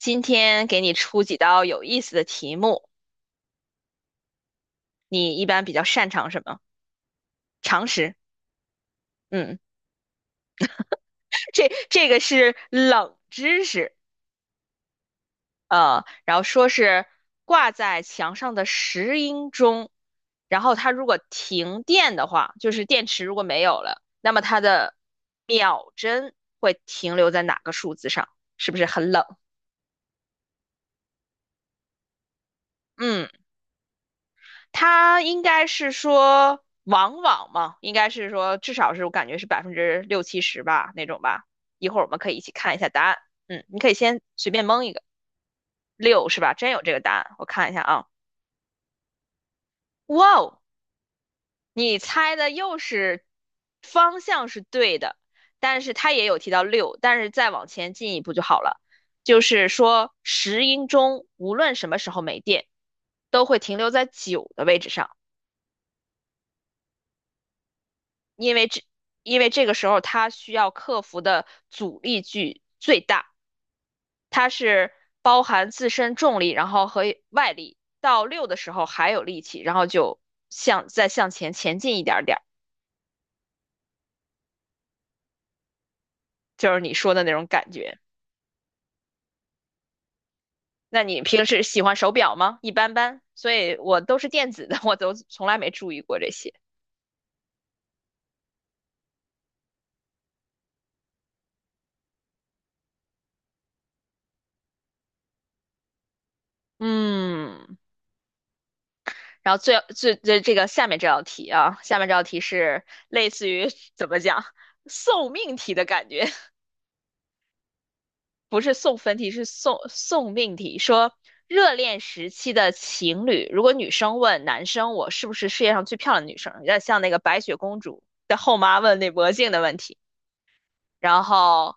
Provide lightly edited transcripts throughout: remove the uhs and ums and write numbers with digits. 今天给你出几道有意思的题目，你一般比较擅长什么？常识，嗯，这个是冷知识，然后说是挂在墙上的石英钟，然后它如果停电的话，就是电池如果没有了，那么它的秒针会停留在哪个数字上？是不是很冷？嗯。它应该是说往往嘛，应该是说至少是我感觉是百分之六七十吧那种吧。一会儿我们可以一起看一下答案。嗯，你可以先随便蒙一个，六是吧？真有这个答案，我看一下啊。哇哦，你猜的又是方向是对的，但是它也有提到六，但是再往前进一步就好了。就是说石英钟无论什么时候没电，都会停留在九的位置上。因为这因为这个时候它需要克服的阻力距最大，它是包含自身重力，然后和外力。到六的时候还有力气，然后就向再向前前进一点点儿，就是你说的那种感觉。那你平时喜欢手表吗？一般般，所以我都是电子的，我都从来没注意过这些。嗯，然后最这个下面这道题啊，下面这道题是类似于怎么讲 送命题的感觉，不是送分题，是送命题。说热恋时期的情侣，如果女生问男生我是不是世界上最漂亮的女生，有点像那个白雪公主的后妈问那魔镜的问题，然后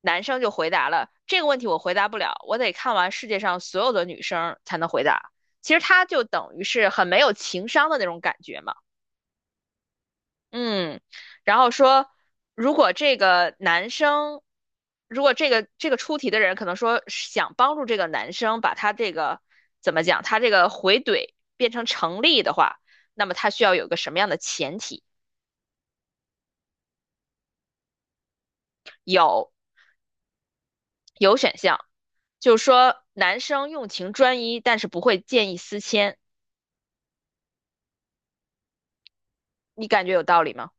男生就回答了这个问题我回答不了，我得看完世界上所有的女生才能回答。其实他就等于是很没有情商的那种感觉嘛。嗯，然后说，如果这个男生，如果这个出题的人可能说是想帮助这个男生把他这个怎么讲，他这个回怼变成成立的话，那么他需要有个什么样的前提？有有选项，就是说男生用情专一，但是不会见异思迁，你感觉有道理吗？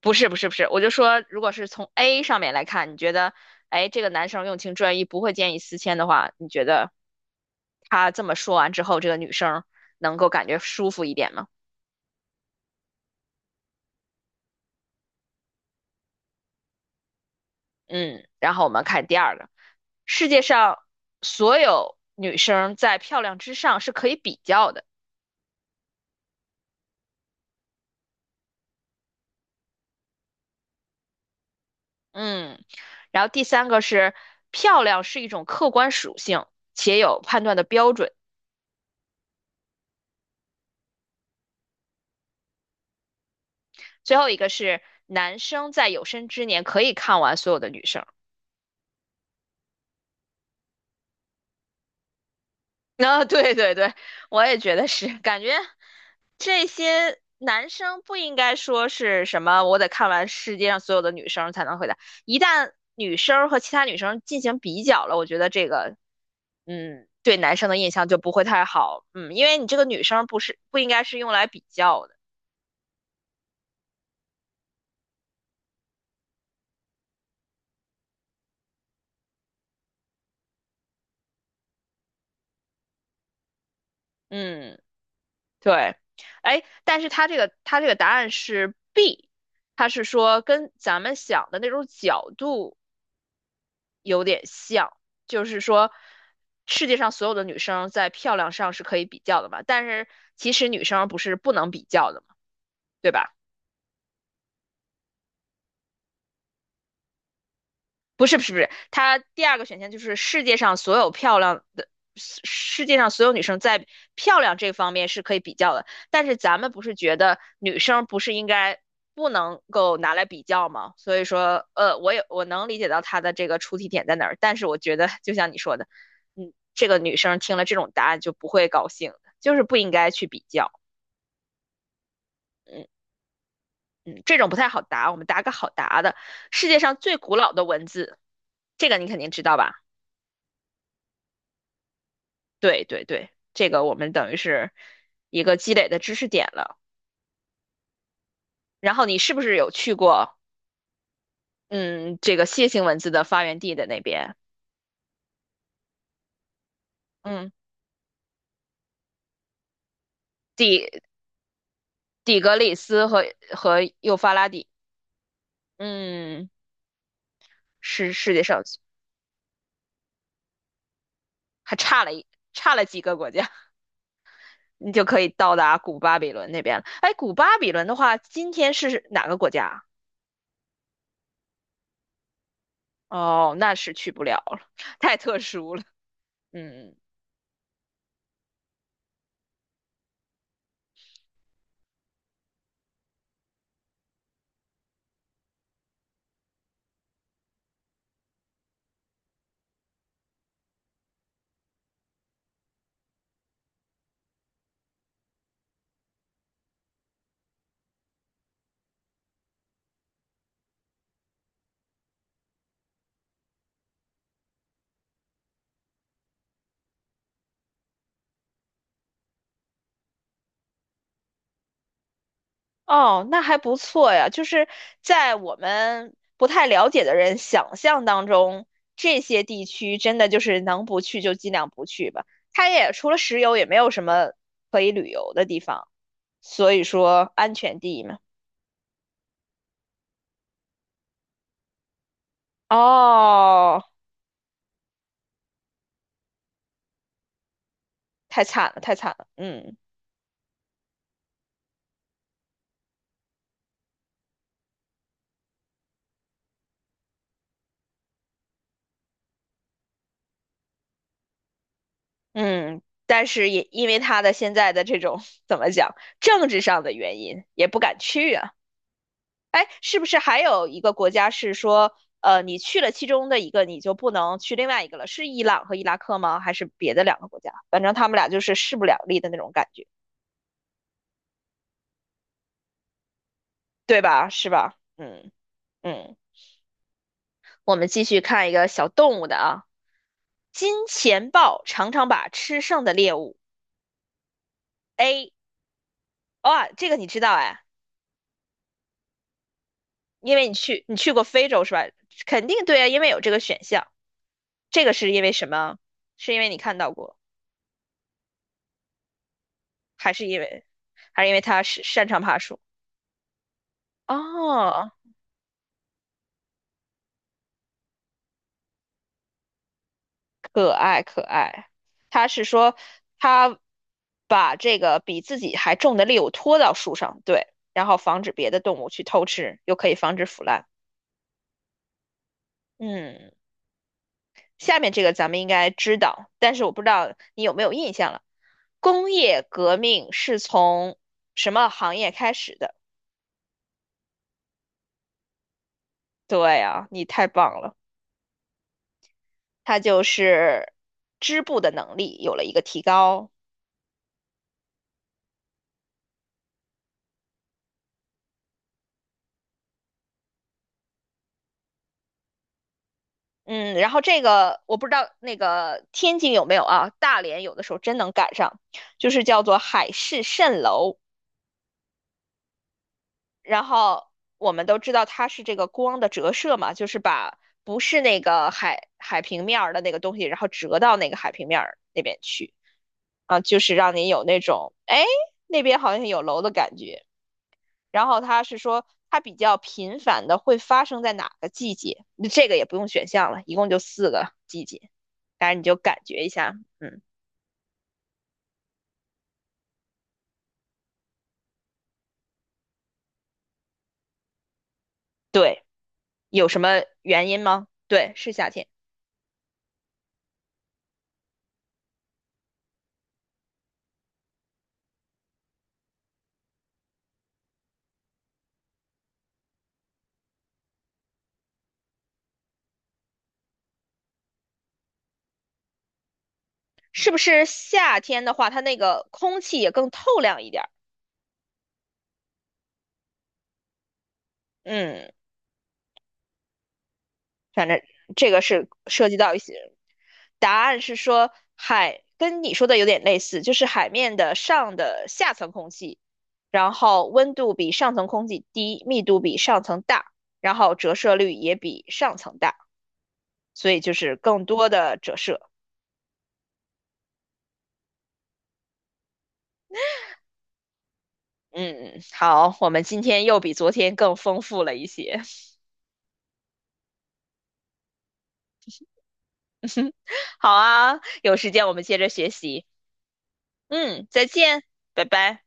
不是，不是，不是，我就说，如果是从 A 上面来看，你觉得，哎，这个男生用情专一，不会见异思迁的话，你觉得？他这么说完之后，这个女生能够感觉舒服一点吗？嗯，然后我们看第二个，世界上所有女生在漂亮之上是可以比较的。嗯，然后第三个是漂亮是一种客观属性，且有判断的标准。最后一个是男生在有生之年可以看完所有的女生。啊，对，对，对，我也觉得是，感觉这些男生不应该说是什么，我得看完世界上所有的女生才能回答。一旦女生和其他女生进行比较了，我觉得这个，嗯，对男生的印象就不会太好，嗯，因为你这个女生不是不应该是用来比较的，嗯，对，哎，但是他这个答案是 B，他是说跟咱们想的那种角度。有点像，就是说，世界上所有的女生在漂亮上是可以比较的嘛，但是其实女生不是不能比较的嘛，对吧？不是，不是，不是，它第二个选项就是世界上所有女生在漂亮这方面是可以比较的，但是咱们不是觉得女生不是应该不能够拿来比较吗？所以说，我能理解到他的这个出题点在哪儿，但是我觉得就像你说的，嗯，这个女生听了这种答案就不会高兴的就是不应该去比较，嗯嗯，这种不太好答，我们答个好答的，世界上最古老的文字，这个你肯定知道吧？对，对，对，这个我们等于是一个积累的知识点了。然后你是不是有去过，嗯，这个楔形文字的发源地的那边？嗯，底底格里斯和幼发拉底，嗯，是世界上还差了一差了几个国家，你就可以到达古巴比伦那边了。哎，古巴比伦的话，今天是哪个国家啊？哦，那是去不了了，太特殊了。嗯。哦，那还不错呀。就是在我们不太了解的人想象当中，这些地区真的就是能不去就尽量不去吧。它也除了石油，也没有什么可以旅游的地方，所以说安全第一嘛。哦，太惨了，太惨了。嗯嗯，但是也因为他的现在的这种 怎么讲，政治上的原因，也不敢去啊。哎，是不是还有一个国家是说，你去了其中的一个，你就不能去另外一个了？是伊朗和伊拉克吗？还是别的两个国家？反正他们俩就是势不两立的那种感觉，对吧？是吧？嗯嗯，我们继续看一个小动物的啊，金钱豹常常把吃剩的猎物 A，哇，这个你知道哎，因为你去过非洲是吧？肯定对啊，因为有这个选项。这个是因为什么？是因为你看到过，还是因为还是因为它是擅长爬树？哦，可爱可爱。他是说他把这个比自己还重的猎物拖到树上，对，然后防止别的动物去偷吃，又可以防止腐烂。嗯，下面这个咱们应该知道，但是我不知道你有没有印象了。工业革命是从什么行业开始的？对啊，你太棒了，它就是织布的能力有了一个提高。嗯，然后这个我不知道那个天津有没有啊，大连有的时候真能赶上，就是叫做海市蜃楼。然后我们都知道它是这个光的折射嘛，就是把不是那个海平面儿的那个东西，然后折到那个海平面儿那边去啊，就是让你有那种哎那边好像有楼的感觉。然后他是说它比较频繁的会发生在哪个季节？这个也不用选项了，一共就四个季节，当然你就感觉一下，嗯，对，有什么原因吗？对，是夏天，是不是夏天的话，它那个空气也更透亮一点儿？嗯，反正这个是涉及到一些答案是说海跟你说的有点类似，就是海面的上的下层空气，然后温度比上层空气低，密度比上层大，然后折射率也比上层大，所以就是更多的折射。嗯，好，我们今天又比昨天更丰富了一些。好啊，有时间我们接着学习。嗯，再见，拜拜。